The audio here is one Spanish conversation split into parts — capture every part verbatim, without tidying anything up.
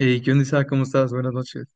Hey, ¿qué onda, Isa? ¿Cómo estás? Buenas noches.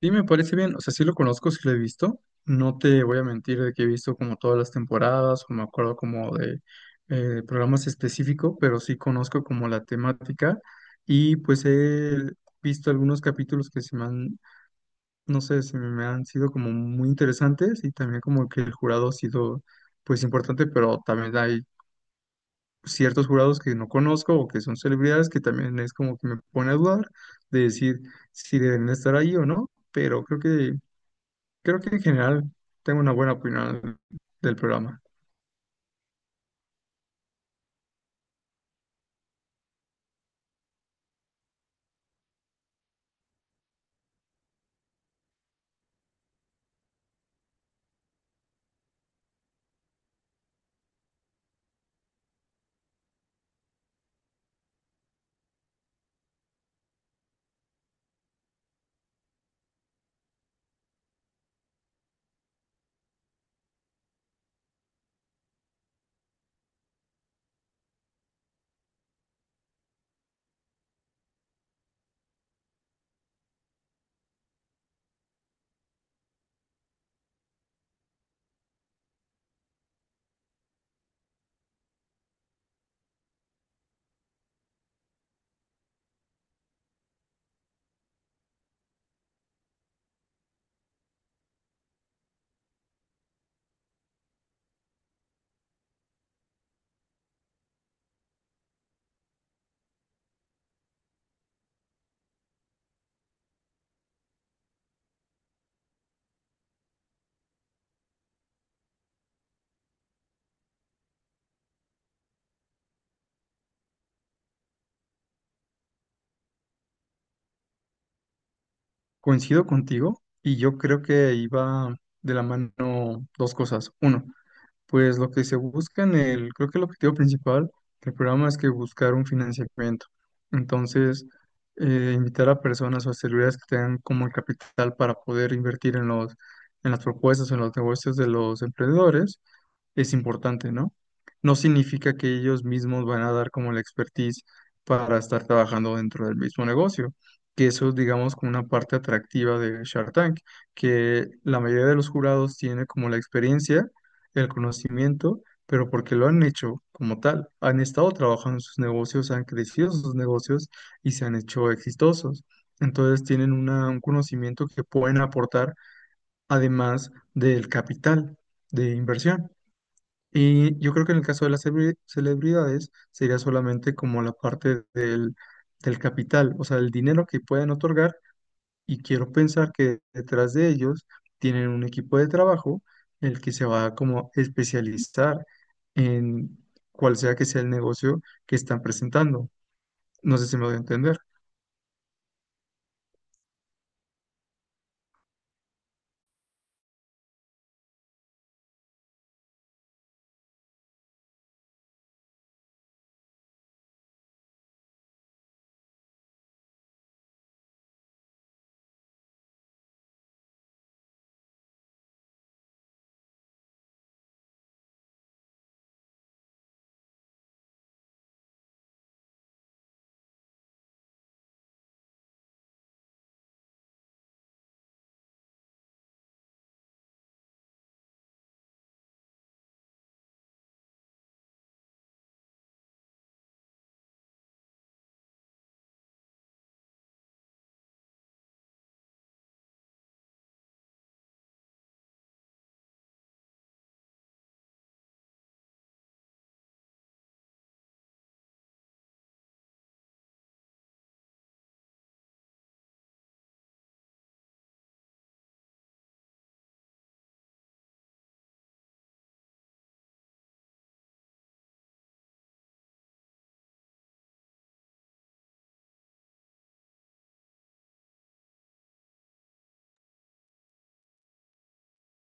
Sí, me parece bien. O sea, sí lo conozco, sí lo he visto. No te voy a mentir de que he visto como todas las temporadas o me acuerdo como de eh, programas específicos, pero sí conozco como la temática y pues he visto algunos capítulos que se me han, no sé, se me han sido como muy interesantes y también como que el jurado ha sido pues importante, pero también hay ciertos jurados que no conozco o que son celebridades que también es como que me pone a dudar de decir si deben estar ahí o no, pero creo que creo que en general tengo una buena opinión del programa. Coincido contigo y yo creo que iba de la mano dos cosas. Uno, pues lo que se busca en el, creo que el objetivo principal del programa es que buscar un financiamiento. Entonces, eh, invitar a personas o a celebridades que tengan como el capital para poder invertir en los, en las propuestas, o en los negocios de los emprendedores es importante, ¿no? No significa que ellos mismos van a dar como la expertise para estar trabajando dentro del mismo negocio, que eso es, digamos, como una parte atractiva de Shark Tank, que la mayoría de los jurados tiene como la experiencia, el conocimiento, pero porque lo han hecho como tal, han estado trabajando en sus negocios, han crecido sus negocios y se han hecho exitosos. Entonces tienen una- un conocimiento que pueden aportar además del capital de inversión. Y yo creo que en el caso de las celebre- celebridades sería solamente como la parte del, del capital, o sea, el dinero que pueden otorgar y quiero pensar que detrás de ellos tienen un equipo de trabajo el que se va como a especializar en cual sea que sea el negocio que están presentando. No sé si me voy a entender.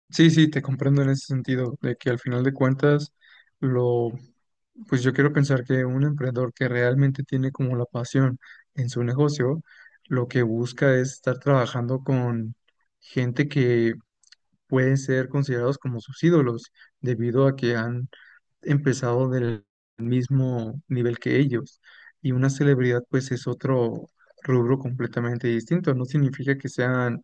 Sí, sí, te comprendo en ese sentido, de que al final de cuentas lo pues yo quiero pensar que un emprendedor que realmente tiene como la pasión en su negocio, lo que busca es estar trabajando con gente que pueden ser considerados como sus ídolos, debido a que han empezado del mismo nivel que ellos. Y una celebridad pues es otro rubro completamente distinto. No significa que sean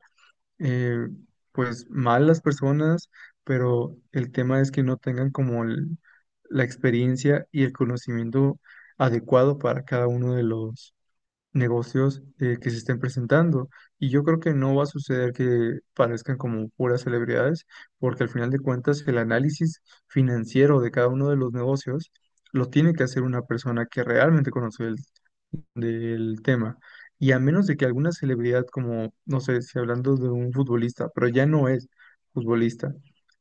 eh, pues mal las personas, pero el tema es que no tengan como el- la experiencia y el conocimiento adecuado para cada uno de los negocios eh, que se estén presentando. Y yo creo que no va a suceder que parezcan como puras celebridades, porque al final de cuentas el análisis financiero de cada uno de los negocios lo tiene que hacer una persona que realmente conoce el del tema. Y a menos de que alguna celebridad, como, no sé, si hablando de un futbolista, pero ya no es futbolista,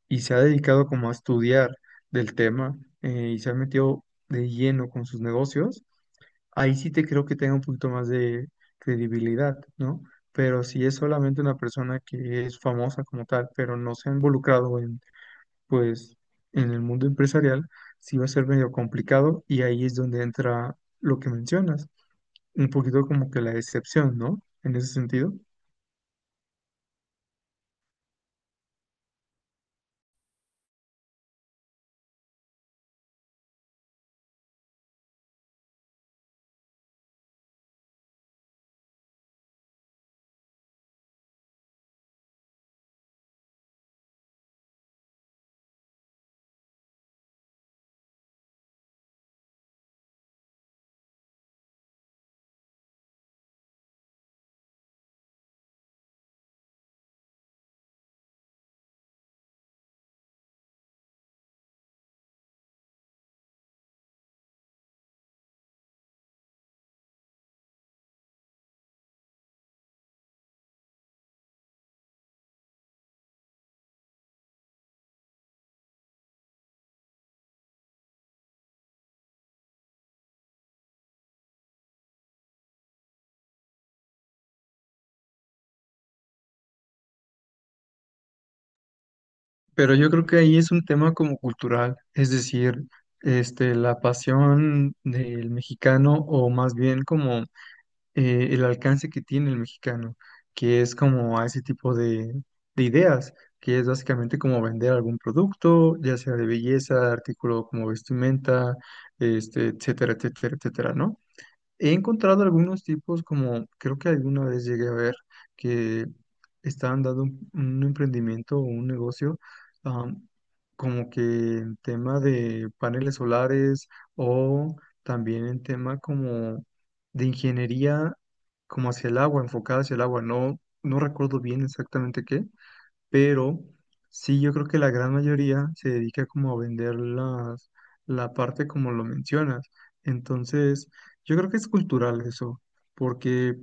y se ha dedicado como a estudiar del tema eh, y se ha metido de lleno con sus negocios, ahí sí te creo que tenga un poquito más de credibilidad, ¿no? Pero si es solamente una persona que es famosa como tal, pero no se ha involucrado en, pues, en el mundo empresarial, sí va a ser medio complicado y ahí es donde entra lo que mencionas un poquito como que la excepción, ¿no? En ese sentido. Pero yo creo que ahí es un tema como cultural, es decir, este, la pasión del mexicano o más bien como eh, el alcance que tiene el mexicano, que es como a ese tipo de, de ideas, que es básicamente como vender algún producto, ya sea de belleza, artículo como vestimenta, este, etcétera, etcétera, etcétera, ¿no? He encontrado algunos tipos como, creo que alguna vez llegué a ver que estaban dando un, un emprendimiento o un negocio am, como que en tema de paneles solares o también en tema como de ingeniería como hacia el agua, enfocada hacia el agua. No, no recuerdo bien exactamente qué, pero sí yo creo que la gran mayoría se dedica como a vender las, la parte como lo mencionas. Entonces, yo creo que es cultural eso, porque,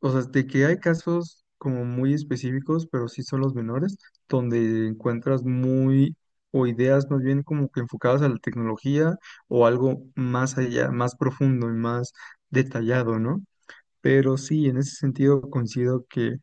o sea, de que hay casos como muy específicos, pero sí son los menores, donde encuentras muy, o ideas más bien como que enfocadas a la tecnología o algo más allá, más profundo y más detallado, ¿no? Pero sí, en ese sentido coincido que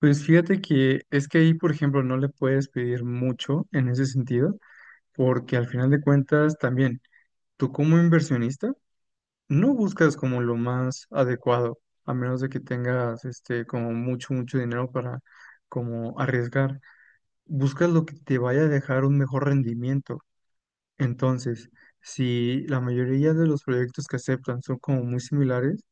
pues fíjate que es que ahí, por ejemplo, no le puedes pedir mucho en ese sentido, porque al final de cuentas también tú como inversionista no buscas como lo más adecuado, a menos de que tengas este como mucho, mucho dinero para como arriesgar. Buscas lo que te vaya a dejar un mejor rendimiento. Entonces, si la mayoría de los proyectos que aceptan son como muy similares,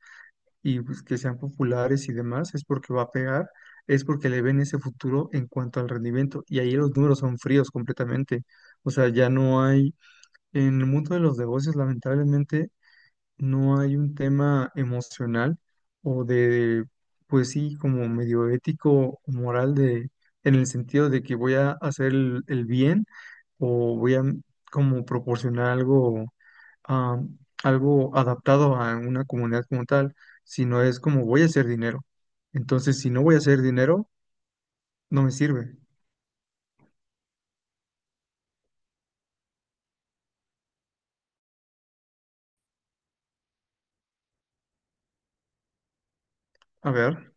y pues, que sean populares y demás, es porque va a pegar, es porque le ven ese futuro en cuanto al rendimiento. Y ahí los números son fríos completamente. O sea, ya no hay, en el mundo de los negocios, lamentablemente, no hay un tema emocional o de, pues sí, como medio ético o moral de, en el sentido de que voy a hacer el, el bien o voy a mm, como proporcionar algo ah, algo adaptado a una comunidad como tal, sino es como voy a hacer dinero. Entonces, si no voy a hacer dinero, no me sirve. A ver,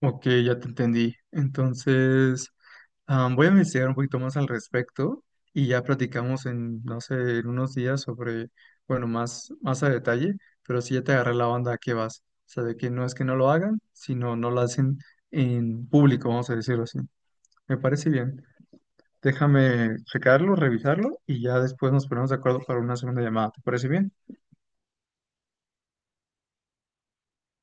ok, ya te entendí. Entonces, ah, voy a investigar un poquito más al respecto y ya platicamos en, no sé, en unos días sobre, bueno, más, más a detalle, pero sí ya te agarré la onda a qué vas. O sea, de que no es que no lo hagan, sino no lo hacen en público, vamos a decirlo así. Me parece bien. Déjame checarlo, revisarlo y ya después nos ponemos de acuerdo para una segunda llamada. ¿Te parece bien?